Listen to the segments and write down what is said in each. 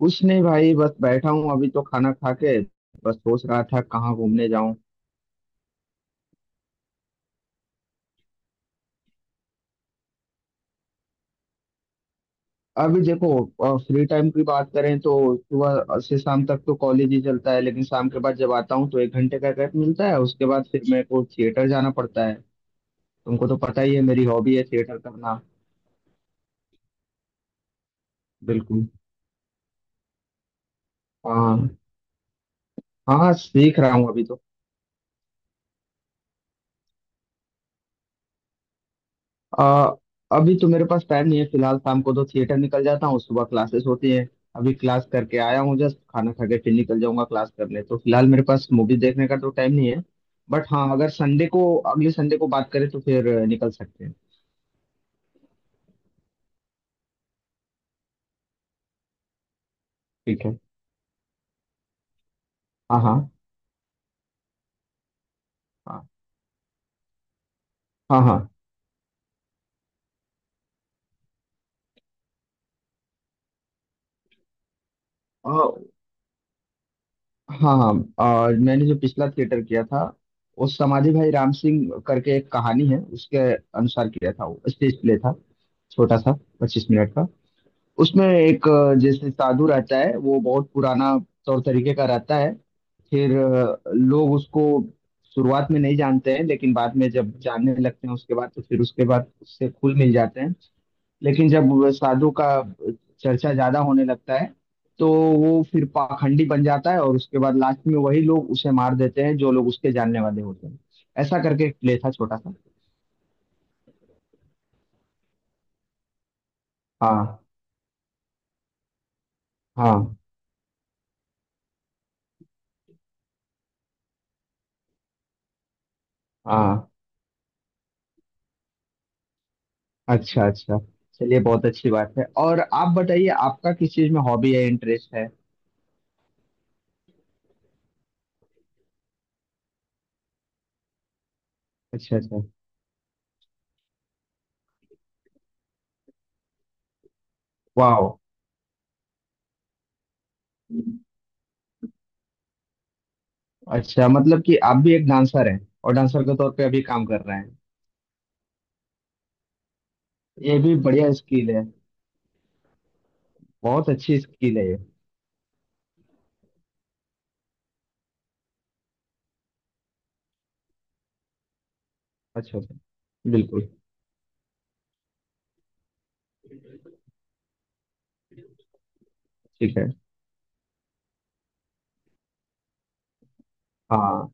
कुछ नहीं भाई, बस बैठा हूँ। अभी तो खाना खा के बस सोच रहा था कहाँ घूमने जाऊं। अभी देखो, फ्री टाइम की बात करें तो सुबह से शाम तक तो कॉलेज ही चलता है, लेकिन शाम के बाद जब आता हूँ तो एक घंटे का गैप मिलता है। उसके बाद फिर मेरे को थिएटर जाना पड़ता है। तुमको तो पता ही है, मेरी हॉबी है थिएटर करना। बिल्कुल। हाँ। हाँ, सीख रहा हूँ अभी तो। आ, अभी तो मेरे पास टाइम नहीं है, फिलहाल शाम को तो थिएटर निकल जाता हूँ, सुबह क्लासेस होती हैं। अभी क्लास करके आया हूँ, जस्ट खाना खा के फिर निकल जाऊंगा क्लास करने, तो फिलहाल मेरे पास मूवी देखने का तो टाइम नहीं है। बट हाँ, अगर संडे को, अगले संडे को बात करें तो फिर निकल सकते हैं। ठीक है। हाँ हाँ। हाँ हाँ। हाँ। अ, हाँ हाँ। मैंने जो पिछला थिएटर किया था वो समाधि भाई राम सिंह करके एक कहानी है, उसके अनुसार किया था। वो स्टेज प्ले था, छोटा सा, 25 मिनट का। उसमें एक जैसे साधु रहता है, वो बहुत पुराना तौर तरीके का रहता है। फिर लोग उसको शुरुआत में नहीं जानते हैं, लेकिन बाद में जब जानने लगते हैं उसके बाद तो फिर उसके बाद उससे घुल मिल जाते हैं। लेकिन जब वो साधु का चर्चा ज्यादा होने लगता है तो वो फिर पाखंडी बन जाता है, और उसके बाद लास्ट में वही लोग उसे मार देते हैं जो लोग उसके जानने वाले होते हैं। ऐसा करके एक प्ले था, छोटा सा। हाँ हाँ। हाँ। अच्छा अच्छा। चलिए बहुत अच्छी बात है। और आप बताइए, आपका किस चीज में हॉबी है, इंटरेस्ट है? अच्छा अच्छा। वाह। अच्छा, मतलब कि आप भी एक डांसर हैं और डांसर के तौर पे अभी काम कर रहे हैं। ये भी बढ़िया स्किल है। बहुत अच्छी स्किल है ये। अच्छा अच्छा। बिल्कुल। ठीक है। हाँ।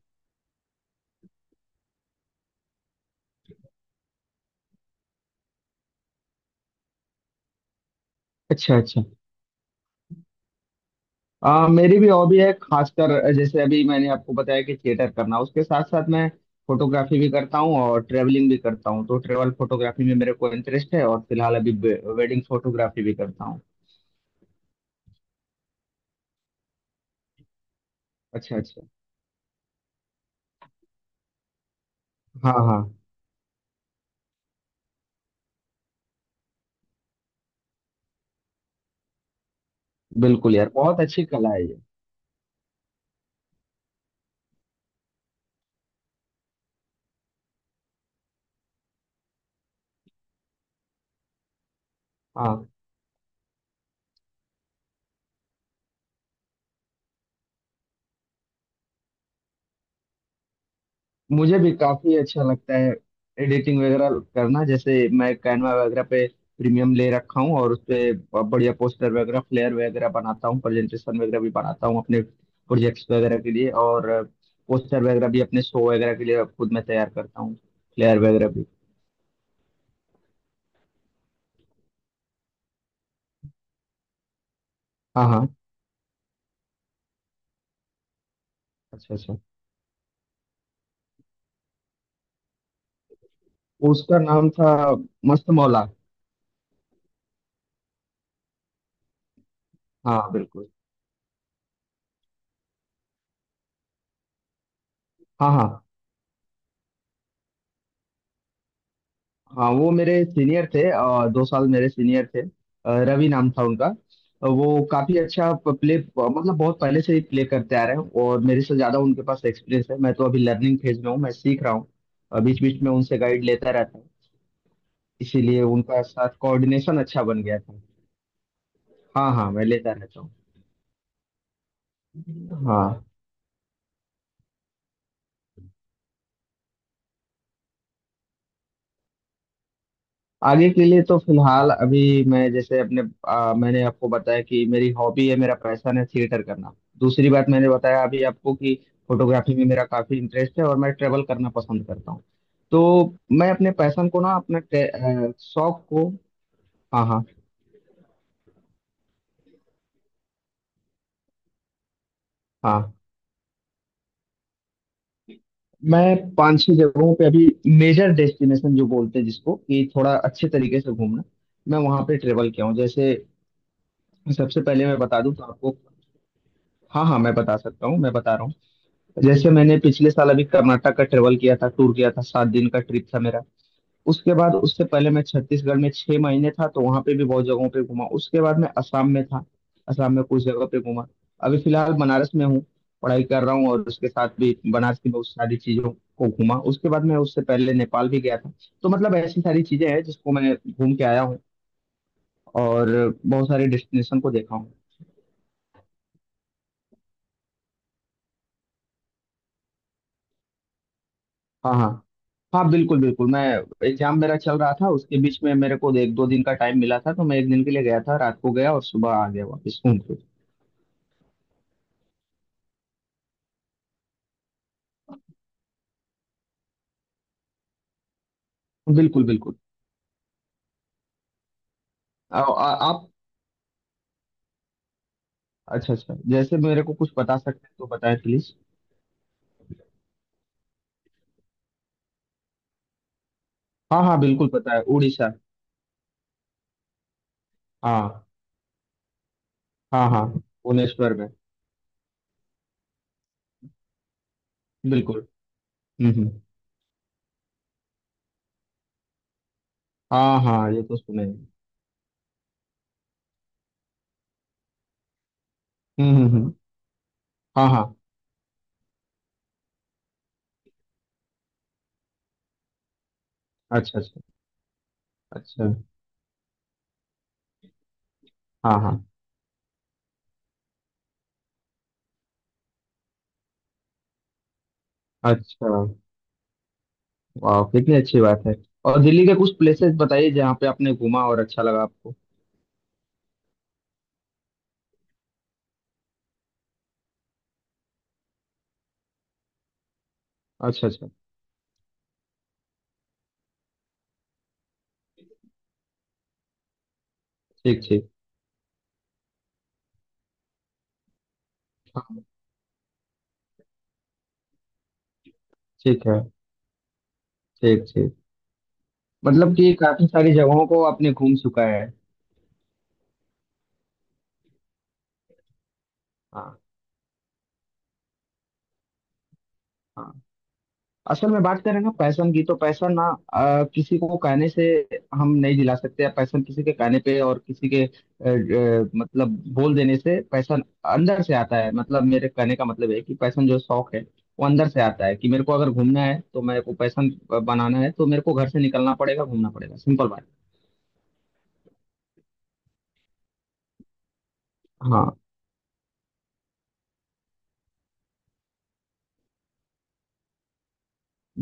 अच्छा अच्छा। मेरी भी हॉबी है, खासकर जैसे अभी मैंने आपको बताया कि थिएटर करना, उसके साथ साथ मैं फोटोग्राफी भी करता हूँ और ट्रेवलिंग भी करता हूँ। तो ट्रेवल फोटोग्राफी में मेरे को इंटरेस्ट है, और फिलहाल अभी वेडिंग फोटोग्राफी भी करता हूँ। अच्छा अच्छा। हाँ हाँ। बिल्कुल यार, बहुत अच्छी कला है ये। हाँ। मुझे भी काफी अच्छा लगता है एडिटिंग वगैरह करना। जैसे मैं कैनवा वगैरह पे प्रीमियम ले रखा हूँ और उस पे बढ़िया पोस्टर वगैरह, फ्लेयर वगैरह बनाता हूँ, प्रेजेंटेशन वगैरह भी बनाता हूँ अपने प्रोजेक्ट्स वगैरह के लिए। और पोस्टर वगैरह भी अपने शो वगैरह के लिए खुद मैं तैयार करता हूँ, फ्लेयर वगैरह भी। हाँ हाँ। अच्छा अच्छा। उसका नाम था मस्त मौला। हाँ, बिल्कुल। हाँ हाँ। हाँ, वो मेरे सीनियर थे, 2 साल मेरे सीनियर थे। रवि नाम था उनका। वो काफी अच्छा प्ले, मतलब बहुत पहले से ही प्ले करते आ रहे हैं, और मेरे से ज्यादा उनके पास एक्सपीरियंस है। मैं तो अभी लर्निंग फेज में हूँ, मैं सीख रहा हूँ, बीच बीच में उनसे गाइड लेता रहता हूँ। इसीलिए उनका साथ कोऑर्डिनेशन अच्छा बन गया था। हाँ हाँ, मैं लेता रहता हूँ। हाँ। आगे के लिए तो फिलहाल अभी मैं जैसे अपने मैंने आपको बताया कि मेरी हॉबी है, मेरा पैशन है थिएटर करना। दूसरी बात मैंने बताया अभी आपको कि फोटोग्राफी में मेरा काफी इंटरेस्ट है और मैं ट्रेवल करना पसंद करता हूँ। तो मैं अपने पैशन को ना, अपने शौक को। हाँ। हाँ। हाँ, मैं 5-6 जगहों पे अभी, मेजर डेस्टिनेशन जो बोलते हैं जिसको कि थोड़ा अच्छे तरीके से घूमना, मैं वहां पे ट्रेवल किया हूँ। जैसे, सबसे पहले मैं बता दूं तो आपको, हाँ हाँ मैं बता सकता हूँ, मैं बता रहा हूँ। जैसे मैंने पिछले साल अभी कर्नाटक का ट्रेवल किया था, टूर किया था, 7 दिन का ट्रिप था मेरा। उसके बाद, उससे पहले मैं छत्तीसगढ़ में 6 महीने था, तो वहां पे भी बहुत जगहों पे घूमा। उसके बाद मैं असम में था, असम में कुछ जगह पे घूमा। अभी फिलहाल बनारस में हूँ, पढ़ाई कर रहा हूँ, और उसके साथ भी बनारस की बहुत सारी चीजों को घूमा। उसके बाद मैं, उससे पहले नेपाल भी गया था। तो मतलब ऐसी सारी चीजें हैं जिसको मैं घूम के आया हूँ, और बहुत सारे डेस्टिनेशन को देखा हूँ। हाँ हाँ। हाँ, बिल्कुल बिल्कुल। मैं एग्जाम मेरा चल रहा था, उसके बीच में मेरे को 1-2 दिन का टाइम मिला था, तो मैं एक दिन के लिए गया था, रात को गया और सुबह आ गया वापस घूम के। बिल्कुल बिल्कुल। आ, आ, आप, अच्छा अच्छा, जैसे मेरे को कुछ बता सकते हैं तो बताएं प्लीज। हाँ हाँ, बिल्कुल पता है, उड़ीसा। हाँ। हाँ हाँ, भुवनेश्वर में। बिल्कुल। हम्म। हाँ हाँ, ये तो सुने हैं। हम्म। हाँ हाँ। अच्छा अच्छा। अच्छा। हाँ हाँ। अच्छा। वाह, कितनी अच्छी बात है। और दिल्ली के कुछ प्लेसेस बताइए जहाँ पे आपने घूमा और अच्छा लगा आपको। अच्छा अच्छा। ठीक ठीक। हाँ। ठीक है। ठीक ठीक। मतलब कि काफी सारी जगहों को आपने घूम चुका है। हाँ। हाँ, असल में बात करें ना पैशन की, तो पैशन ना किसी को कहने से हम नहीं दिला सकते। पैशन किसी के कहने पे और किसी के मतलब बोल देने से, पैशन अंदर से आता है। मतलब मेरे कहने का मतलब है कि पैशन, जो शौक है, वो अंदर से आता है। कि मेरे को अगर घूमना है तो मेरे को पैशन बनाना है, तो मेरे को घर से निकलना पड़ेगा, घूमना पड़ेगा। सिंपल बात। हाँ।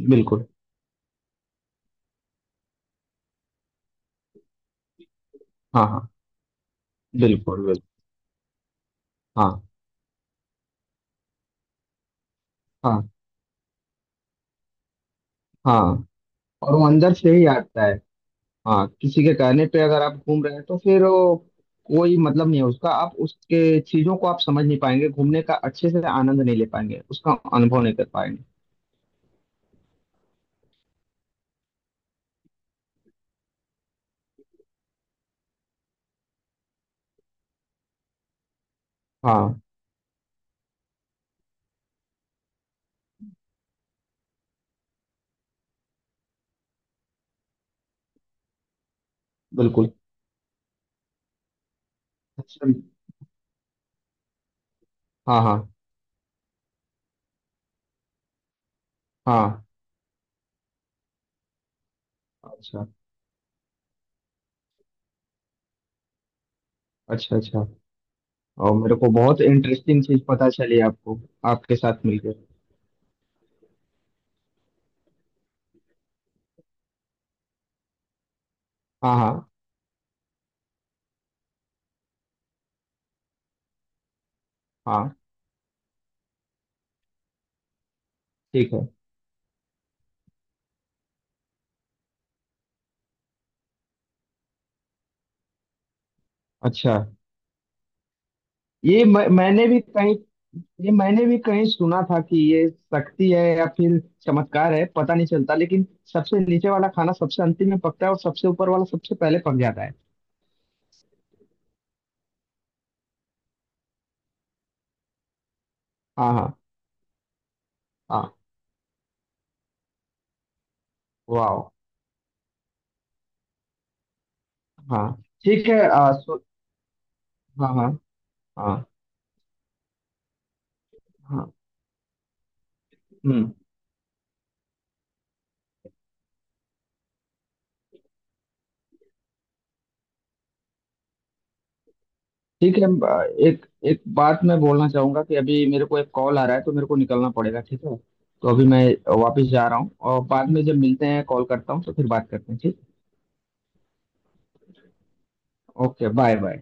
बिल्कुल। हाँ हाँ। बिल्कुल बिल्कुल। हाँ हाँ। हाँ, और वो अंदर से ही आता है। हाँ, किसी के कहने पे अगर आप घूम रहे हैं तो फिर वो कोई मतलब नहीं है उसका। आप उसके चीजों को आप समझ नहीं पाएंगे, घूमने का अच्छे से आनंद नहीं ले पाएंगे, उसका अनुभव नहीं कर पाएंगे। हाँ। बिल्कुल। अच्छा। हाँ हाँ। हाँ। अच्छा अच्छा। अच्छा। और मेरे को बहुत इंटरेस्टिंग चीज पता चली, आपको आपके साथ मिलकर। हाँ हाँ। हाँ। ठीक है। अच्छा। ये मैं, मैंने भी कहीं ये मैंने भी कहीं सुना था कि ये शक्ति है या फिर चमत्कार है, पता नहीं चलता। लेकिन सबसे नीचे वाला खाना सबसे अंतिम में पकता है और सबसे ऊपर वाला सबसे पहले पक जाता है। हाँ हाँ। हाँ। वाओ। हाँ, ठीक है। हाँ हाँ। हाँ। हाँ। हम्म। ठीक है, एक एक बात मैं बोलना चाहूंगा कि अभी मेरे को एक कॉल आ रहा है तो मेरे को निकलना पड़ेगा, ठीक है? तो अभी मैं वापस जा रहा हूँ और बाद में जब मिलते हैं, कॉल करता हूँ तो फिर बात करते हैं। ठीक। Okay, bye bye.